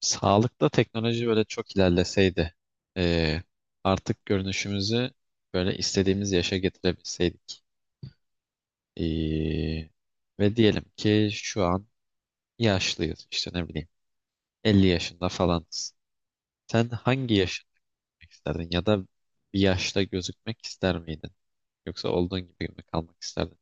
Sağlıkta teknoloji böyle çok ilerleseydi, eee, artık görünüşümüzü böyle istediğimiz yaşa getirebilseydik. Eee, Ve diyelim ki şu an yaşlıyız, işte ne bileyim 50 yaşında falan. Sen hangi yaşta gözükmek isterdin ya da bir yaşta gözükmek ister miydin? Yoksa olduğun gibi mi kalmak isterdin?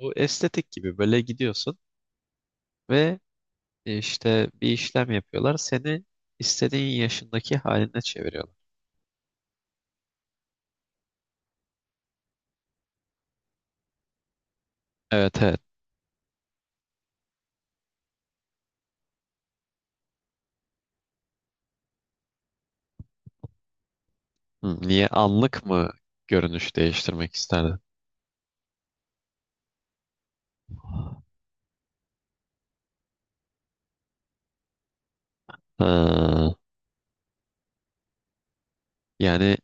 Bu estetik gibi böyle gidiyorsun ve işte bir işlem yapıyorlar, seni istediğin yaşındaki haline çeviriyorlar. Evet, evet. Hı, Niye anlık mı görünüş değiştirmek isterdin? Ha, yani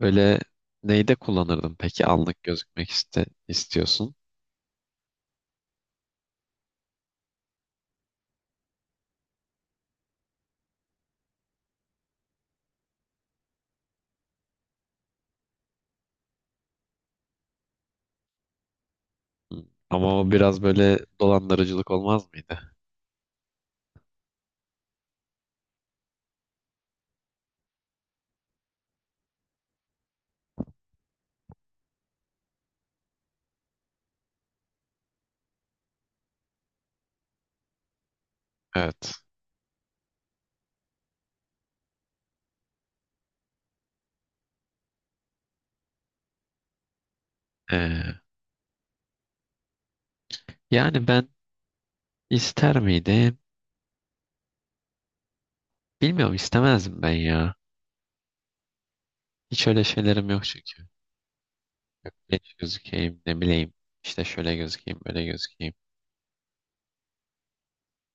öyle neyde kullanırdın peki anlık gözükmek istiyorsun? Hı, ama o biraz böyle dolandırıcılık olmaz mıydı? Evet. Ee, Yani ben ister miydim? Bilmiyorum, istemezdim ben ya. Hiç öyle şeylerim yok çünkü. Yok, genç gözükeyim ne bileyim. İşte şöyle gözükeyim böyle gözükeyim.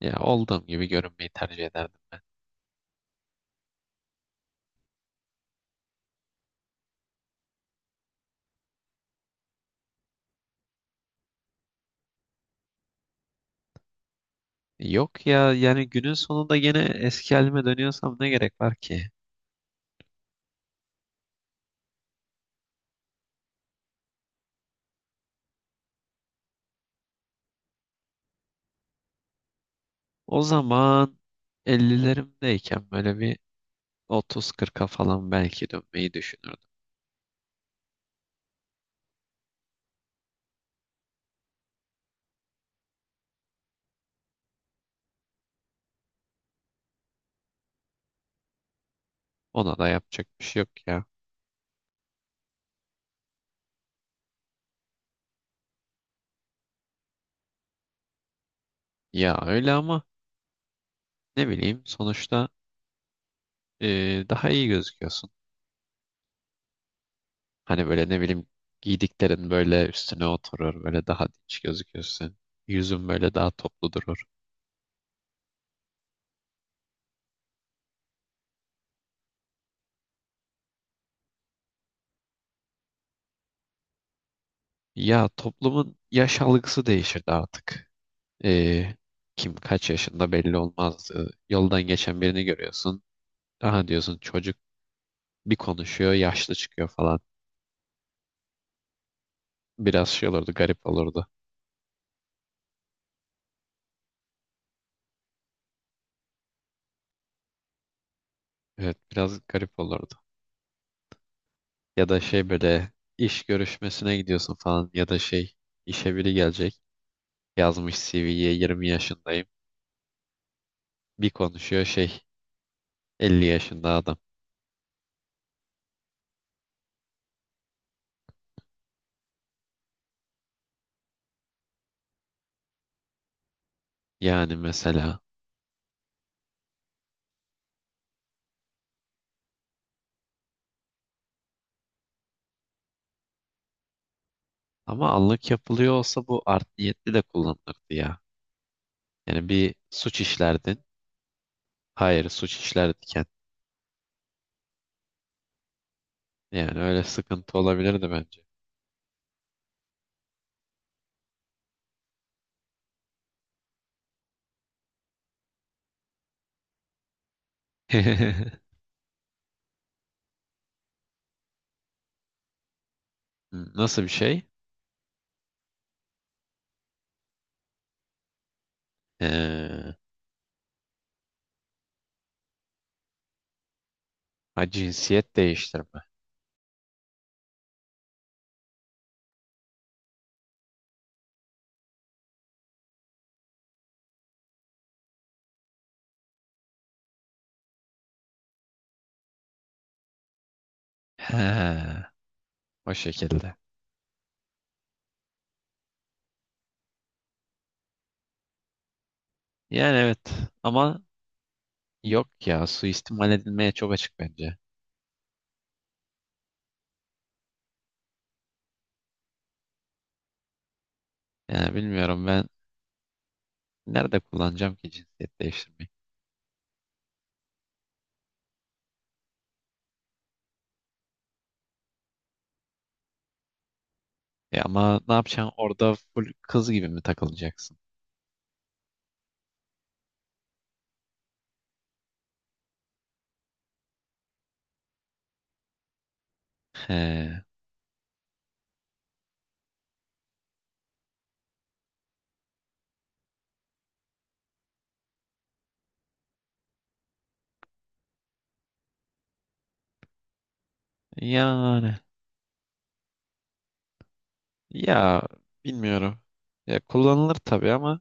Ya olduğum gibi görünmeyi tercih ederdim. Yok ya, yani günün sonunda gene eski halime dönüyorsam ne gerek var ki? O zaman ellilerimdeyken böyle bir otuz kırk'a falan belki dönmeyi düşünürdüm. Ona da yapacak bir şey yok ya. Ya öyle ama ne bileyim sonuçta daha iyi gözüküyorsun. Hani böyle ne bileyim giydiklerin böyle üstüne oturur, böyle daha dinç gözüküyorsun. Yüzün böyle daha toplu durur. Ya, toplumun yaş algısı değişirdi artık. Ee, Kim kaç yaşında belli olmaz. Yoldan geçen birini görüyorsun. Aha diyorsun, çocuk bir konuşuyor, yaşlı çıkıyor falan. Biraz şey olurdu, garip olurdu. Evet, biraz garip olurdu. Ya da şey böyle iş görüşmesine gidiyorsun falan, ya da şey işe biri gelecek. Yazmış CV'ye 20 yaşındayım. Bir konuşuyor şey, 50 yaşında adam. Yani mesela, ama anlık yapılıyor olsa bu art niyetli de kullanılırdı ya. Yani bir suç işlerdin. Hayır, suç işlerdiken. Yani öyle sıkıntı olabilirdi bence. Nasıl bir şey? Ee, ha, cinsiyet değiştirme. He, o şekilde. Yani evet, ama yok ya, suistimal edilmeye çok açık bence. Yani bilmiyorum, ben nerede kullanacağım ki cinsiyet değiştirmeyi. E ama ne yapacaksın orada full kız gibi mi takılacaksın? He, yani ya, bilmiyorum. Ya kullanılır tabii ama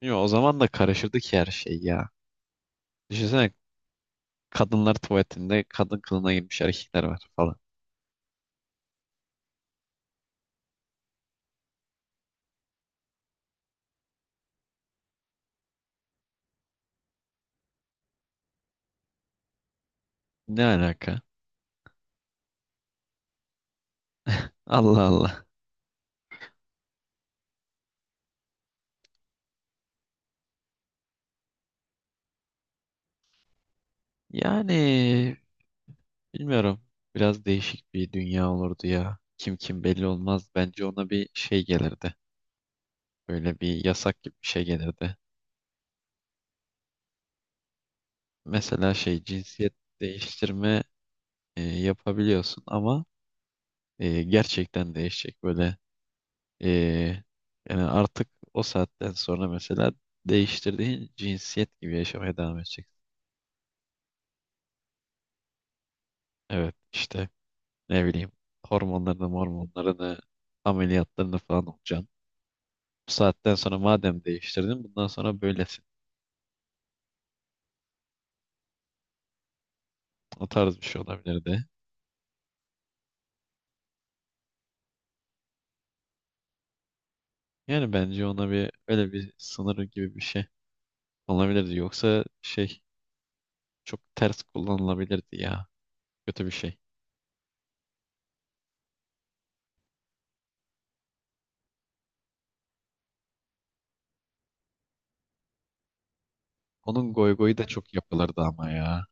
yo, o zaman da karışırdı ki her şey ya. Düşünsene, kadınlar tuvaletinde kadın kılığına girmiş erkekler var falan. Ne alaka? Allah Allah. Yani bilmiyorum. Biraz değişik bir dünya olurdu ya. Kim kim belli olmaz. Bence ona bir şey gelirdi. Böyle bir yasak gibi bir şey gelirdi. Mesela şey cinsiyet değiştirme yapabiliyorsun ama gerçekten değişecek. Böyle e, yani artık o saatten sonra mesela değiştirdiğin cinsiyet gibi yaşamaya devam edeceksin. Evet, işte. Ne bileyim, hormonlarını hormonlarını ameliyatlarını falan olacaksın. Bu saatten sonra madem değiştirdin, bundan sonra böylesin. O tarz bir şey olabilirdi. Yani bence ona bir öyle bir sınırı gibi bir şey olabilirdi. Yoksa şey, çok ters kullanılabilirdi ya. Kötü bir şey. Onun goy goyu da çok yapılırdı ama ya.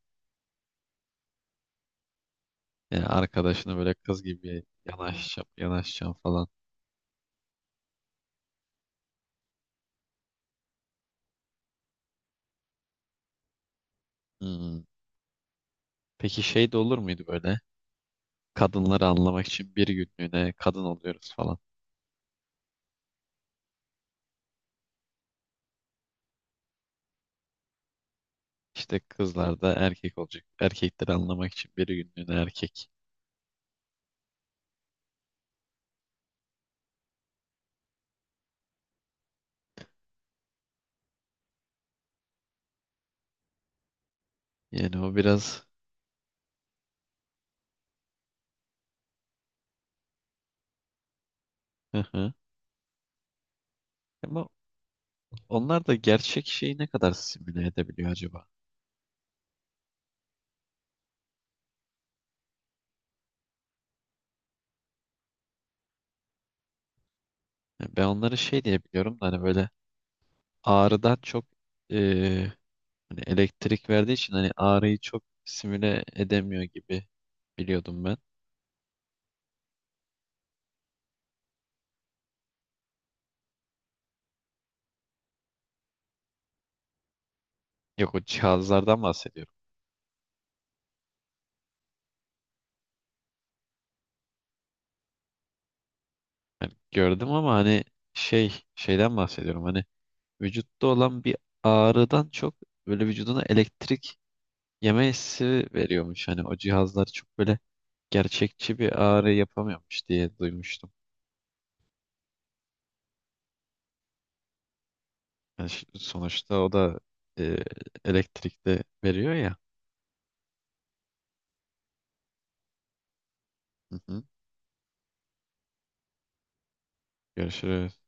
Yani arkadaşını böyle kız gibi yanaşacağım yanaşacağım falan. Hmm. Peki şey de olur muydu böyle? Kadınları anlamak için bir günlüğüne kadın oluyoruz falan. İşte kızlar da erkek olacak. Erkekleri anlamak için bir günlüğüne erkek. Yani o biraz hı hı. Ama onlar da gerçek şeyi ne kadar simüle edebiliyor acaba? Yani ben onları şey diye biliyorum da, hani böyle ağrıdan çok eee, hani elektrik verdiği için hani ağrıyı çok simüle edemiyor gibi biliyordum ben. Yok, o cihazlardan bahsediyorum. Yani gördüm ama hani şey, şeyden bahsediyorum. Hani vücutta olan bir ağrıdan çok, böyle vücuduna elektrik yeme hissi veriyormuş. Hani o cihazlar çok böyle gerçekçi bir ağrı yapamıyormuş diye duymuştum. Yani sonuçta o da e, elektrikte veriyor ya. Hı hı. Görüşürüz.